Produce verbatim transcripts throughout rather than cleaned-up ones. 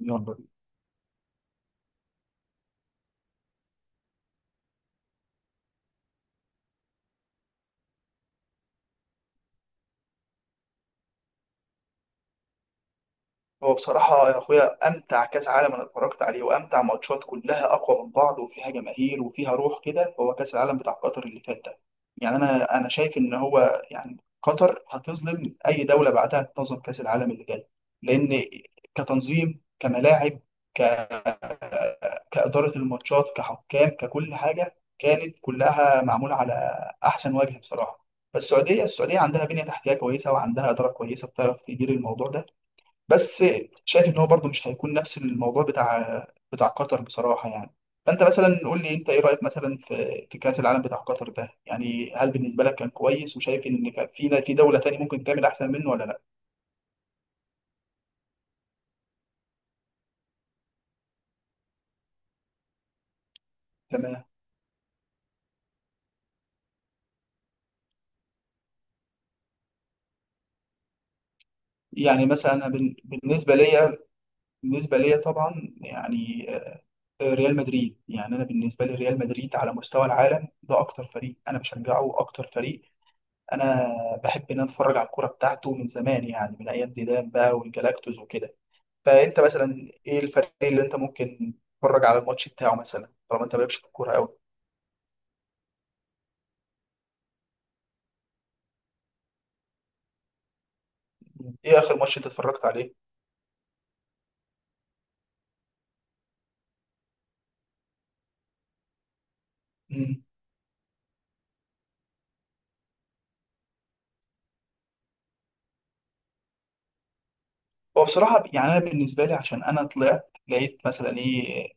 يلا بينا. هو بصراحة يا أخويا أمتع كأس عالم أنا اتفرجت عليه، وأمتع ماتشات كلها أقوى من بعض وفيها جماهير وفيها روح كده هو كأس العالم بتاع قطر اللي فات ده. يعني أنا أنا شايف إن هو يعني قطر هتظلم أي دولة بعدها تنظم كأس العالم اللي جاي، لأن كتنظيم، كملاعب، ك... كإدارة الماتشات، كحكام، ككل حاجة، كانت كلها معمولة على أحسن وجه بصراحة. فالسعودية، السعودية عندها بنية تحتية كويسة وعندها إدارة كويسة بتعرف تدير الموضوع ده، بس شايف ان هو برضه مش هيكون نفس الموضوع بتاع بتاع قطر بصراحه يعني. فانت مثلا قول لي انت ايه رايك مثلا في في كاس العالم بتاع قطر ده، يعني هل بالنسبه لك كان كويس وشايف ان كان في في دوله تانية ممكن تعمل احسن منه ولا لا؟ تمام. يعني مثلا أنا بال- بالنسبه ليا، بالنسبه ليا طبعا يعني آه، ريال مدريد. يعني انا بالنسبه لي ريال مدريد على مستوى العالم ده اكتر فريق انا بشجعه واكتر فريق انا بحب ان أنا اتفرج على الكوره بتاعته من زمان، يعني من ايام زيدان بقى والجلاكتوس وكده. فانت مثلا ايه الفريق اللي انت ممكن تتفرج على الماتش بتاعه مثلا، طالما انت مالكش في الكوره قوي؟ ايه اخر ماتش انت اتفرجت عليه؟ مم. هو بصراحه يعني انا بالنسبه لي عشان انا طلعت لقيت مثلا ايه،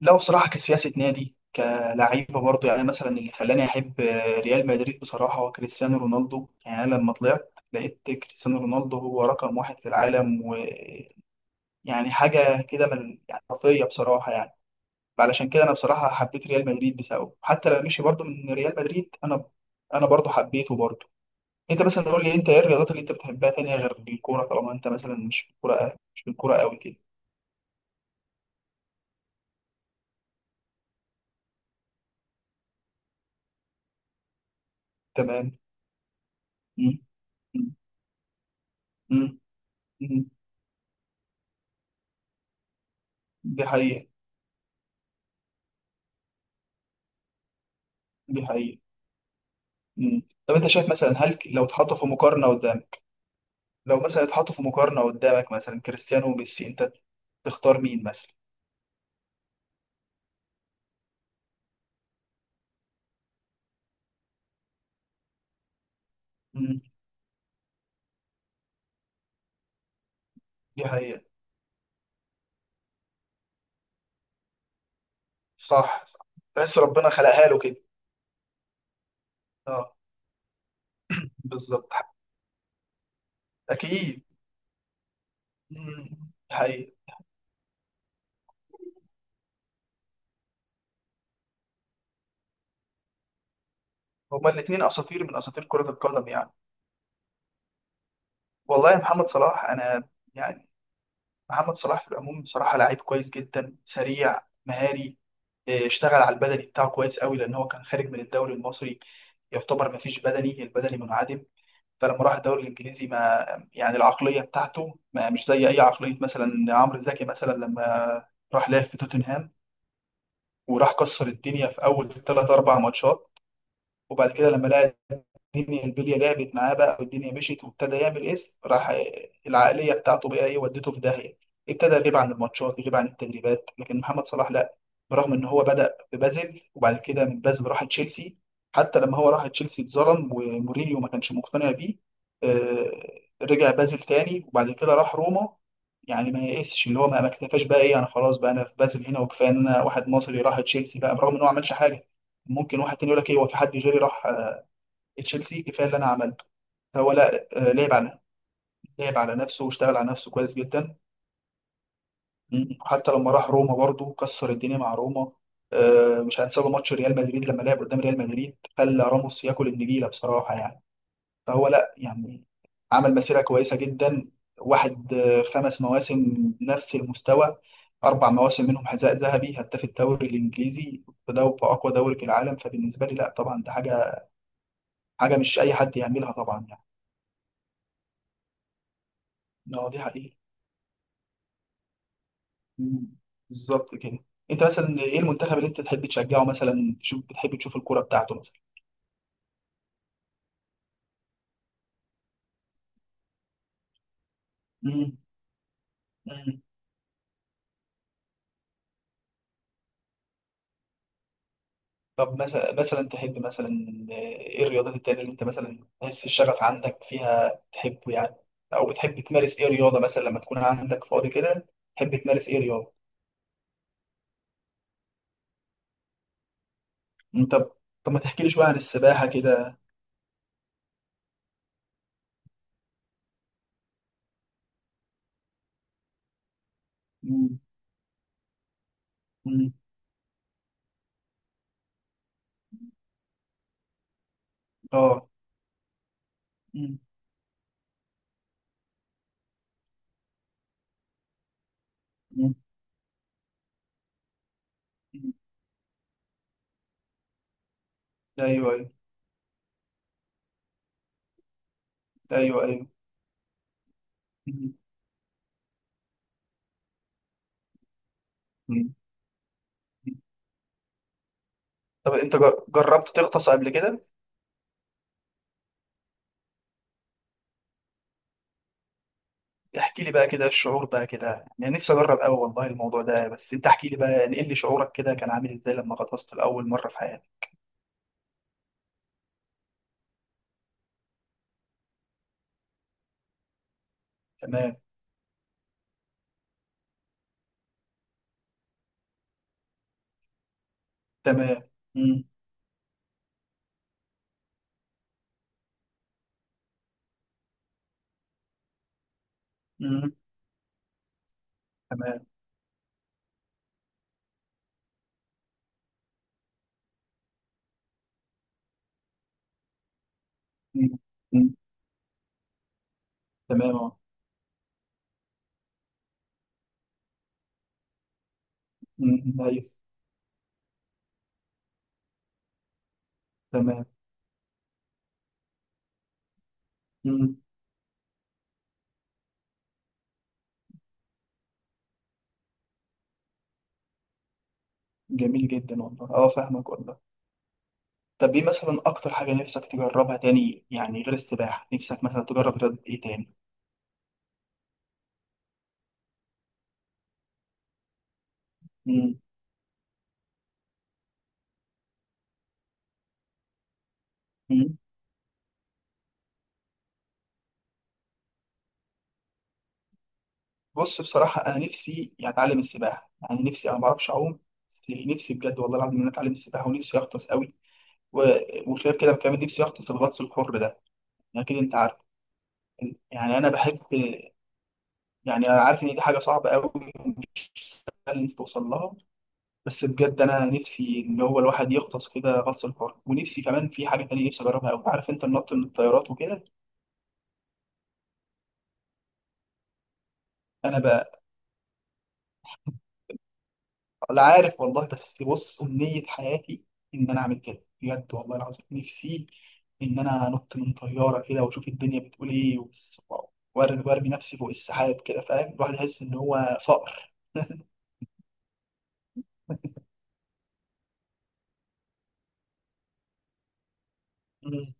لو بصراحه كسياسه نادي كلعيبه برضه، يعني مثلا اللي خلاني احب ريال مدريد بصراحه هو كريستيانو رونالدو. يعني أنا لما طلعت لقيت كريستيانو رونالدو هو رقم واحد في العالم، ويعني حاجه كده من يعني خرافيه بصراحه يعني. علشان كده انا بصراحه حبيت ريال مدريد بسببه، حتى لما مشي برضه من ريال مدريد انا انا برضه حبيته برضه. انت مثلا قول لي انت ايه الرياضات اللي انت بتحبها تانية غير الكوره، طالما انت مثلا مش في الكوره مش في الكوره قوي كده؟ تمام. مم. مم. مم. مم. دي حقيقه. دي حقيقه. مم. طب انت شايف مثلا هل ك- لو اتحطوا في مقارنه قدامك، لو مثلا اتحطوا في مقارنه قدامك مثلا كريستيانو وميسي، انت تختار مين مثلا؟ مم. دي حقيقه. صح صح. بس ربنا خلقها له كده. اه. بالظبط. اكيد. مم. حقيقي. هما الاثنين اساطير من اساطير كرة القدم يعني. والله يا محمد صلاح، انا يعني محمد صلاح في العموم بصراحة لعيب كويس جدا، سريع، مهاري، إيه، اشتغل على البدني بتاعه كويس قوي، لان هو كان خارج من الدوري المصري يعتبر ما فيش بدني، البدني منعدم. فلما راح الدوري الانجليزي ما يعني العقلية بتاعته ما مش زي اي عقلية. مثلا عمرو زكي مثلا لما راح لعب في توتنهام وراح كسر الدنيا في اول ثلاث اربع ماتشات، وبعد كده لما لعب الدنيا البليه لعبت معاه بقى، والدنيا مشيت وابتدى يعمل اسم، راح العقليه بتاعته بقى ايه ودته في داهيه، ابتدى يغيب عن الماتشات، يغيب عن التدريبات. لكن محمد صلاح لا، برغم ان هو بدأ في بازل وبعد كده من بازل راح تشيلسي، حتى لما هو راح تشيلسي اتظلم ومورينيو ما كانش مقتنع بيه، آه، رجع بازل تاني وبعد كده راح روما، يعني ما يئسش اللي هو ما ما اكتفاش بقى ايه انا خلاص بقى انا في بازل هنا وكفايه ان انا واحد مصري راح تشيلسي، بقى برغم ان هو ما عملش حاجه ممكن واحد تاني يقول لك ايه هو في حد غيري راح تشيلسي؟ كفايه اللي انا عملته. هو لا آه، لعب على لعب على نفسه، واشتغل على نفسه كويس جدا. مم. حتى لما راح روما برضه كسر الدنيا مع روما. آه، مش هنساله ماتش ريال مدريد لما لعب قدام ريال مدريد، خلى راموس ياكل النجيله بصراحه يعني. فهو لا يعني عمل مسيره كويسه جدا، واحد آه، خمس مواسم نفس المستوى، اربع مواسم منهم حذاء ذهبي هداف الدوري الانجليزي في دو- في اقوى دوري في العالم. فبالنسبه لي لا طبعا ده حاجه، حاجه مش اي حد يعملها طبعا يعني. اه دي حقيقه. مم. بالظبط كده. انت مثلا ايه المنتخب اللي انت تحب تشجعه مثلا، تشوف، بتحب تشوف الكوره بتاعته مثلا؟ مم. مم. طب مثلا مثلا تحب، مثلا ايه الرياضات التانية اللي انت مثلا تحس الشغف عندك فيها تحبه يعني؟ او بتحب تمارس ايه رياضه مثلا لما تكون عندك فاضي كده، تحب تمارس ايه رياضه؟ مم. طب طب ما تحكي لي شويه عن السباحه كده. مم. مم. اه. مم. مم. مم. ايوه ايوه. ايوه ايوه. مم. مم. طب انت جر- جربت تغطس قبل كده؟ احكي لي بقى كده الشعور بقى كده، يعني نفسي اجرب قوي والله الموضوع ده، بس انت احكي لي بقى، نقل لي شعورك كده كان عامل ازاي لما غطست لاول مره في حياتك؟ تمام. تمام. امم. امم. تمام. امم. أمم. تمام. اه. أمم. نايس. تمام. امم. جميل جدا والله، اه فاهمك والله. طب ايه مثلا اكتر حاجه نفسك تجربها تاني، يعني غير السباحه، نفسك مثلا تجرب رياضه ايه تاني؟ امم. بص بصراحة، أنا نفسي يعني أتعلم السباحة. يعني نفسي، أنا ما بعرفش أعوم، بس نفسي بجد والله العظيم إن أنا أتعلم السباحة، ونفسي أغطس قوي، و- وغير كده كمان نفسي أغطس الغطس الحر ده، يعني أكيد أنت عارف. يعني أنا بحب، يعني أنا عارف إن دي حاجة صعبة قوي ومش سهل إنك توصل لها، بس بجد أنا نفسي إن هو الواحد يغطس كده غطس الحر. ونفسي كمان في حاجة تانية نفسي أجربها قوي، عارف أنت، النط من الطيارات وكده. أنا ولا عارف والله، بس بص أمنية حياتي إن أنا أعمل كده، بجد والله العظيم نفسي إن أنا أنط من طيارة كده وأشوف الدنيا بتقول إيه، وس- وأرمي، وأرمي نفسي فوق السحاب كده، فاهم، الواحد يحس إن هو صقر. مم.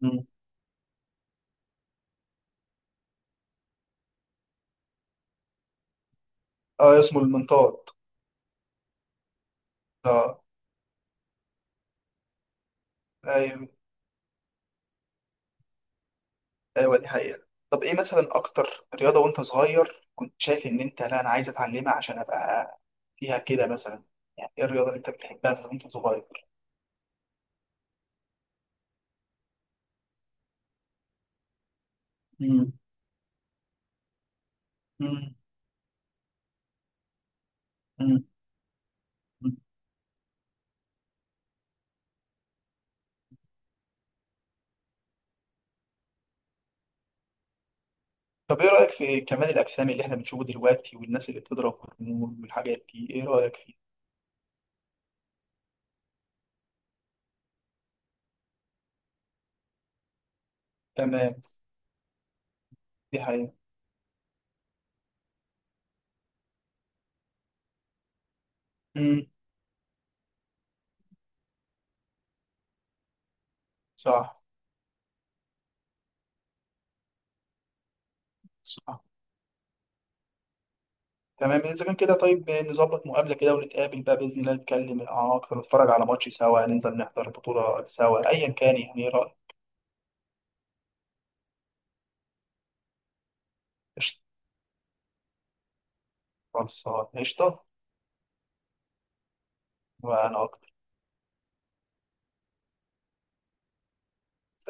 مم. أه اسمه المنطاد. أه. أيوه. أيوه دي حقيقة. طب إيه مثلا أكتر رياضة وأنت صغير كنت شايف إن أنت لا أنا عايز أتعلمها عشان أبقى فيها كده مثلا، يعني إيه الرياضة اللي أنت بتحبها مثلا وأنت صغير؟ مم. مم. مم. طب ايه رأيك في كمال الأجسام اللي احنا بنشوفه دلوقتي والناس اللي بتضرب هرمون والحاجات دي، ايه رأيك فيه؟ تمام. دي حقيقة. امم. صح. صح. تمام، اذا كان كده طيب نظبط مقابلة كده ونتقابل بقى بإذن الله، نتكلم اعمق ونتفرج على ماتش سوا، ننزل نحضر بطولة سوا، ايا كان يعني، ايه رأيك؟ قشطة. خلصان قشطة. وانا اكتر.